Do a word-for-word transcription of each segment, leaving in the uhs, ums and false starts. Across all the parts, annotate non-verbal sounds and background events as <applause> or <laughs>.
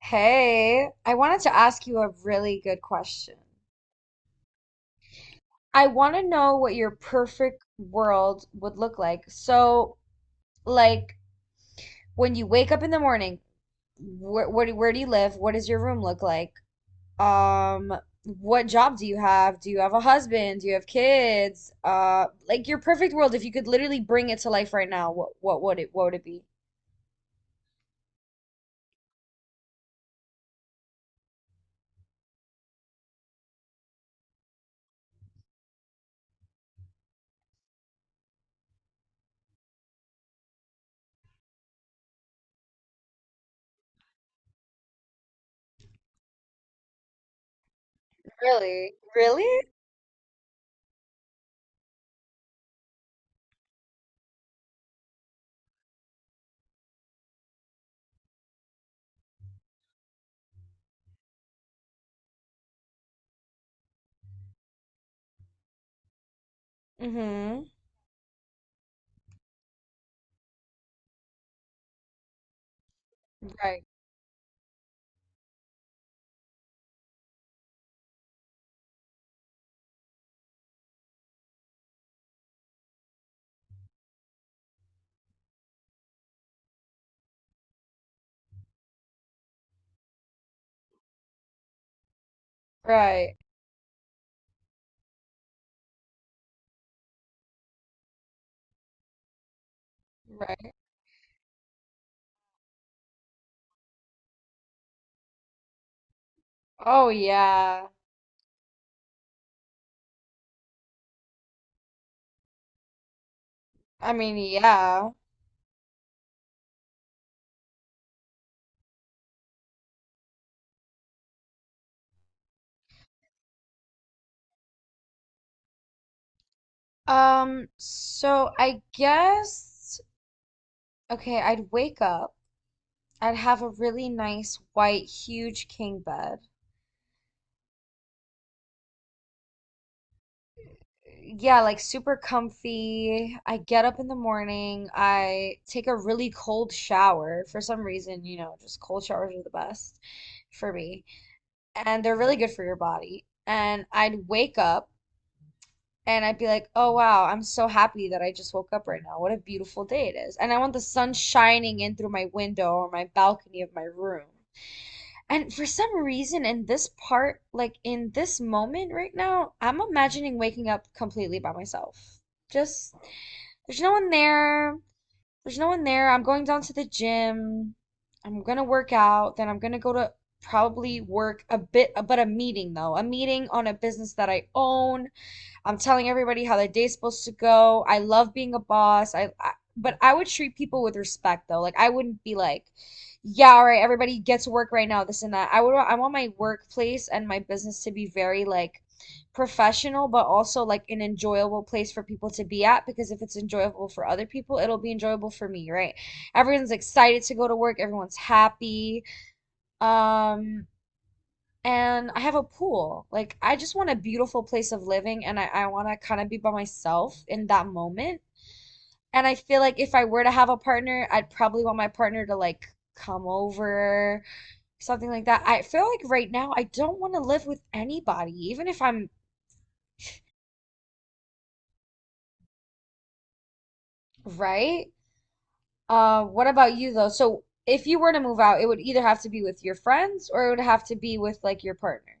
Hey, I wanted to ask you a really good question. I want to know what your perfect world would look like. So, like when you wake up in the morning, where where do, where do you live? What does your room look like? Um, what job do you have? Do you have a husband? Do you have kids? Uh, like your perfect world, if you could literally bring it to life right now, what what would it what would it be? Really? Really? Mm-hmm. Right. Right. Right. Oh yeah. I mean, yeah. Um, so I guess, okay, I'd wake up. I'd have a really nice white, huge king bed. Yeah, like super comfy. I get up in the morning. I take a really cold shower. For some reason, you know, just cold showers are the best for me. And they're really good for your body. And I'd wake up, and I'd be like, oh wow, I'm so happy that I just woke up right now. What a beautiful day it is. And I want the sun shining in through my window or my balcony of my room. And for some reason, in this part, like in this moment right now, I'm imagining waking up completely by myself. Just, there's no one there. There's no one there. I'm going down to the gym. I'm gonna work out. Then I'm gonna go to probably work a bit, but a meeting though, a meeting on a business that I own. I'm telling everybody how their day's supposed to go. I love being a boss. I, I but I would treat people with respect though. Like I wouldn't be like, yeah, all right, everybody gets work right now, this and that. I would I want my workplace and my business to be very like professional, but also like an enjoyable place for people to be at because if it's enjoyable for other people, it'll be enjoyable for me, right? Everyone's excited to go to work, everyone's happy. Um, and I have a pool. Like I just want a beautiful place of living and I, I want to kind of be by myself in that moment. And I feel like if I were to have a partner, I'd probably want my partner to like come over, something like that. I feel like right now I don't want to live with anybody, even if I'm right. Uh, what about you though? So if you were to move out, it would either have to be with your friends or it would have to be with like your partner.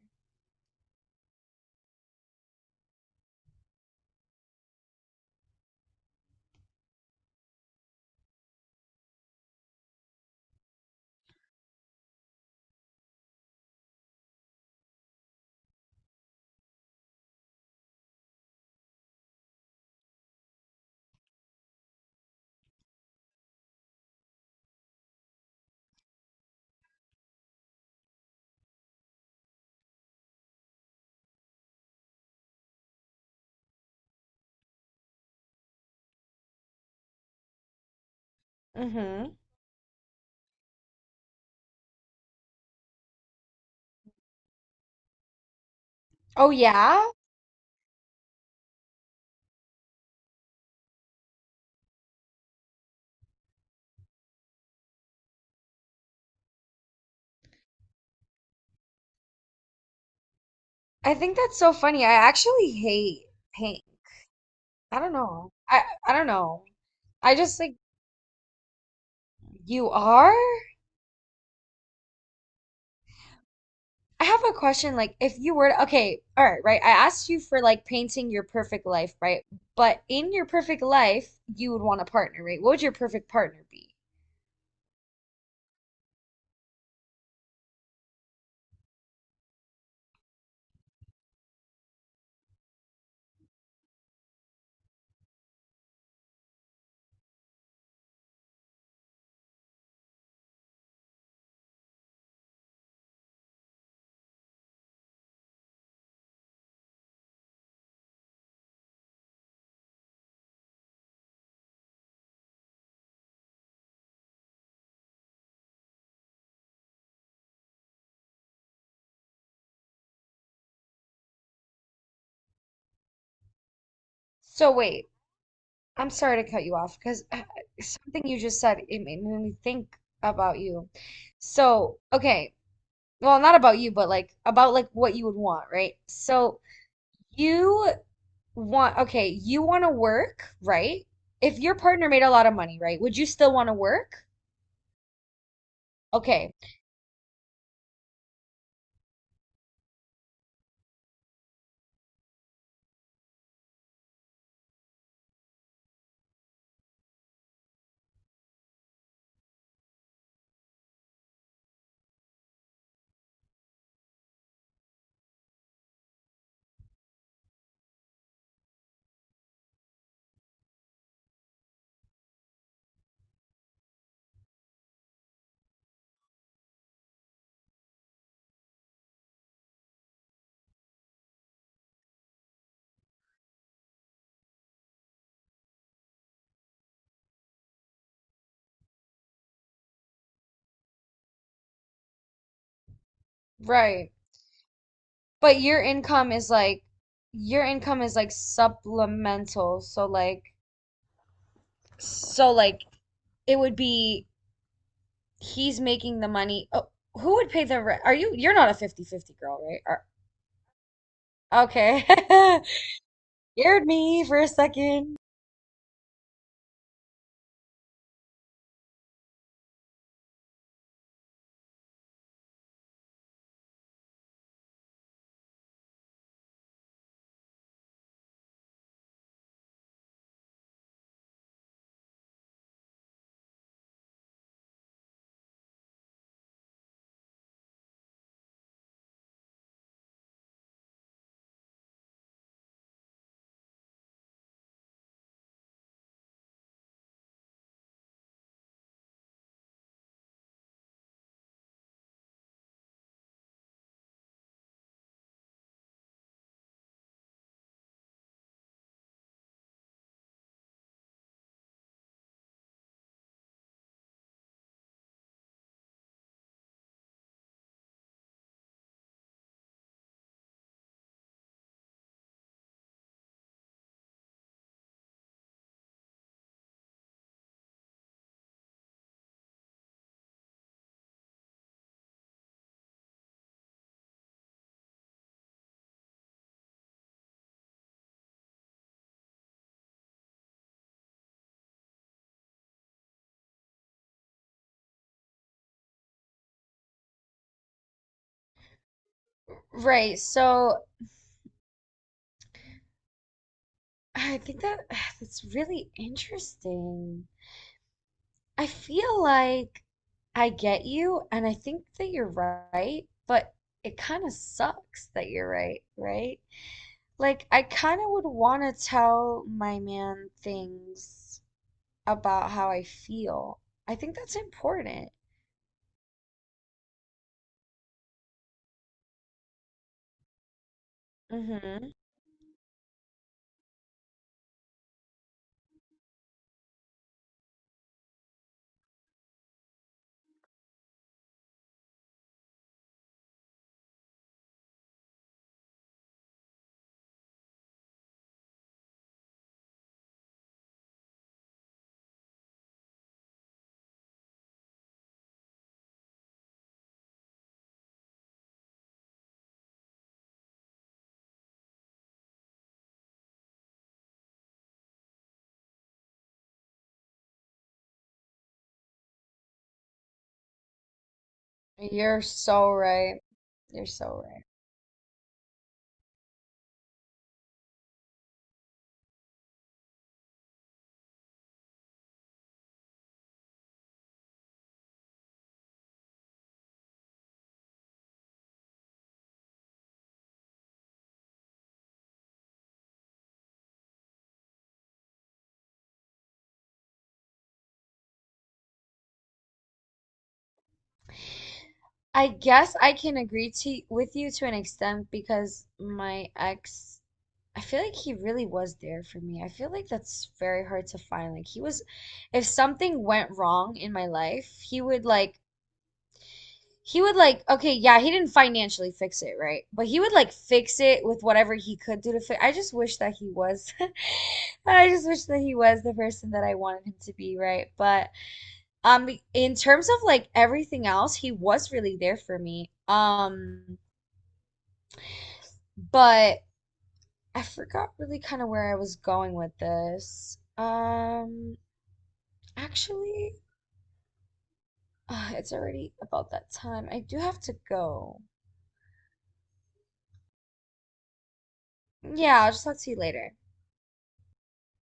Hmm. Oh yeah? I think that's so funny. I actually hate paint. I don't know. I I don't know. I just like, you are? I have a question, like if you were to, okay, all right, right, I asked you for like painting your perfect life, right? But in your perfect life, you would want a partner, right? What would your perfect partner be? So wait. I'm sorry to cut you off because something you just said, it made me think about you. So, okay, well, not about you, but like about like what you would want, right? So, you want, okay, you want to work, right? If your partner made a lot of money, right? Would you still want to work? Okay, right. But your income is like your income is like supplemental, so like so like it would be he's making the money. Oh, who would pay the rent? Are you? You're not a fifty fifty girl, right? Are, okay, <laughs> scared me for a second. Right. So I think that <sighs> that's really interesting. I feel like I get you, and I think that you're right, but it kind of sucks that you're right, right? Like, I kind of would want to tell my man things about how I feel. I think that's important. Mm-hmm. You're so right. You're so right. I guess I can agree to with you to an extent because my ex, I feel like he really was there for me. I feel like that's very hard to find. Like he was, if something went wrong in my life, he would like he would like, okay, yeah, he didn't financially fix it, right? But he would like fix it with whatever he could do to fix. I just wish that he was, <laughs> I just wish that he was the person that I wanted him to be, right? But Um, in terms of like everything else, he was really there for me. Um, but I forgot really kind of where I was going with this. Um, actually, <sighs> uh, it's already about that time. I do have to go. Yeah, I'll just talk to you later.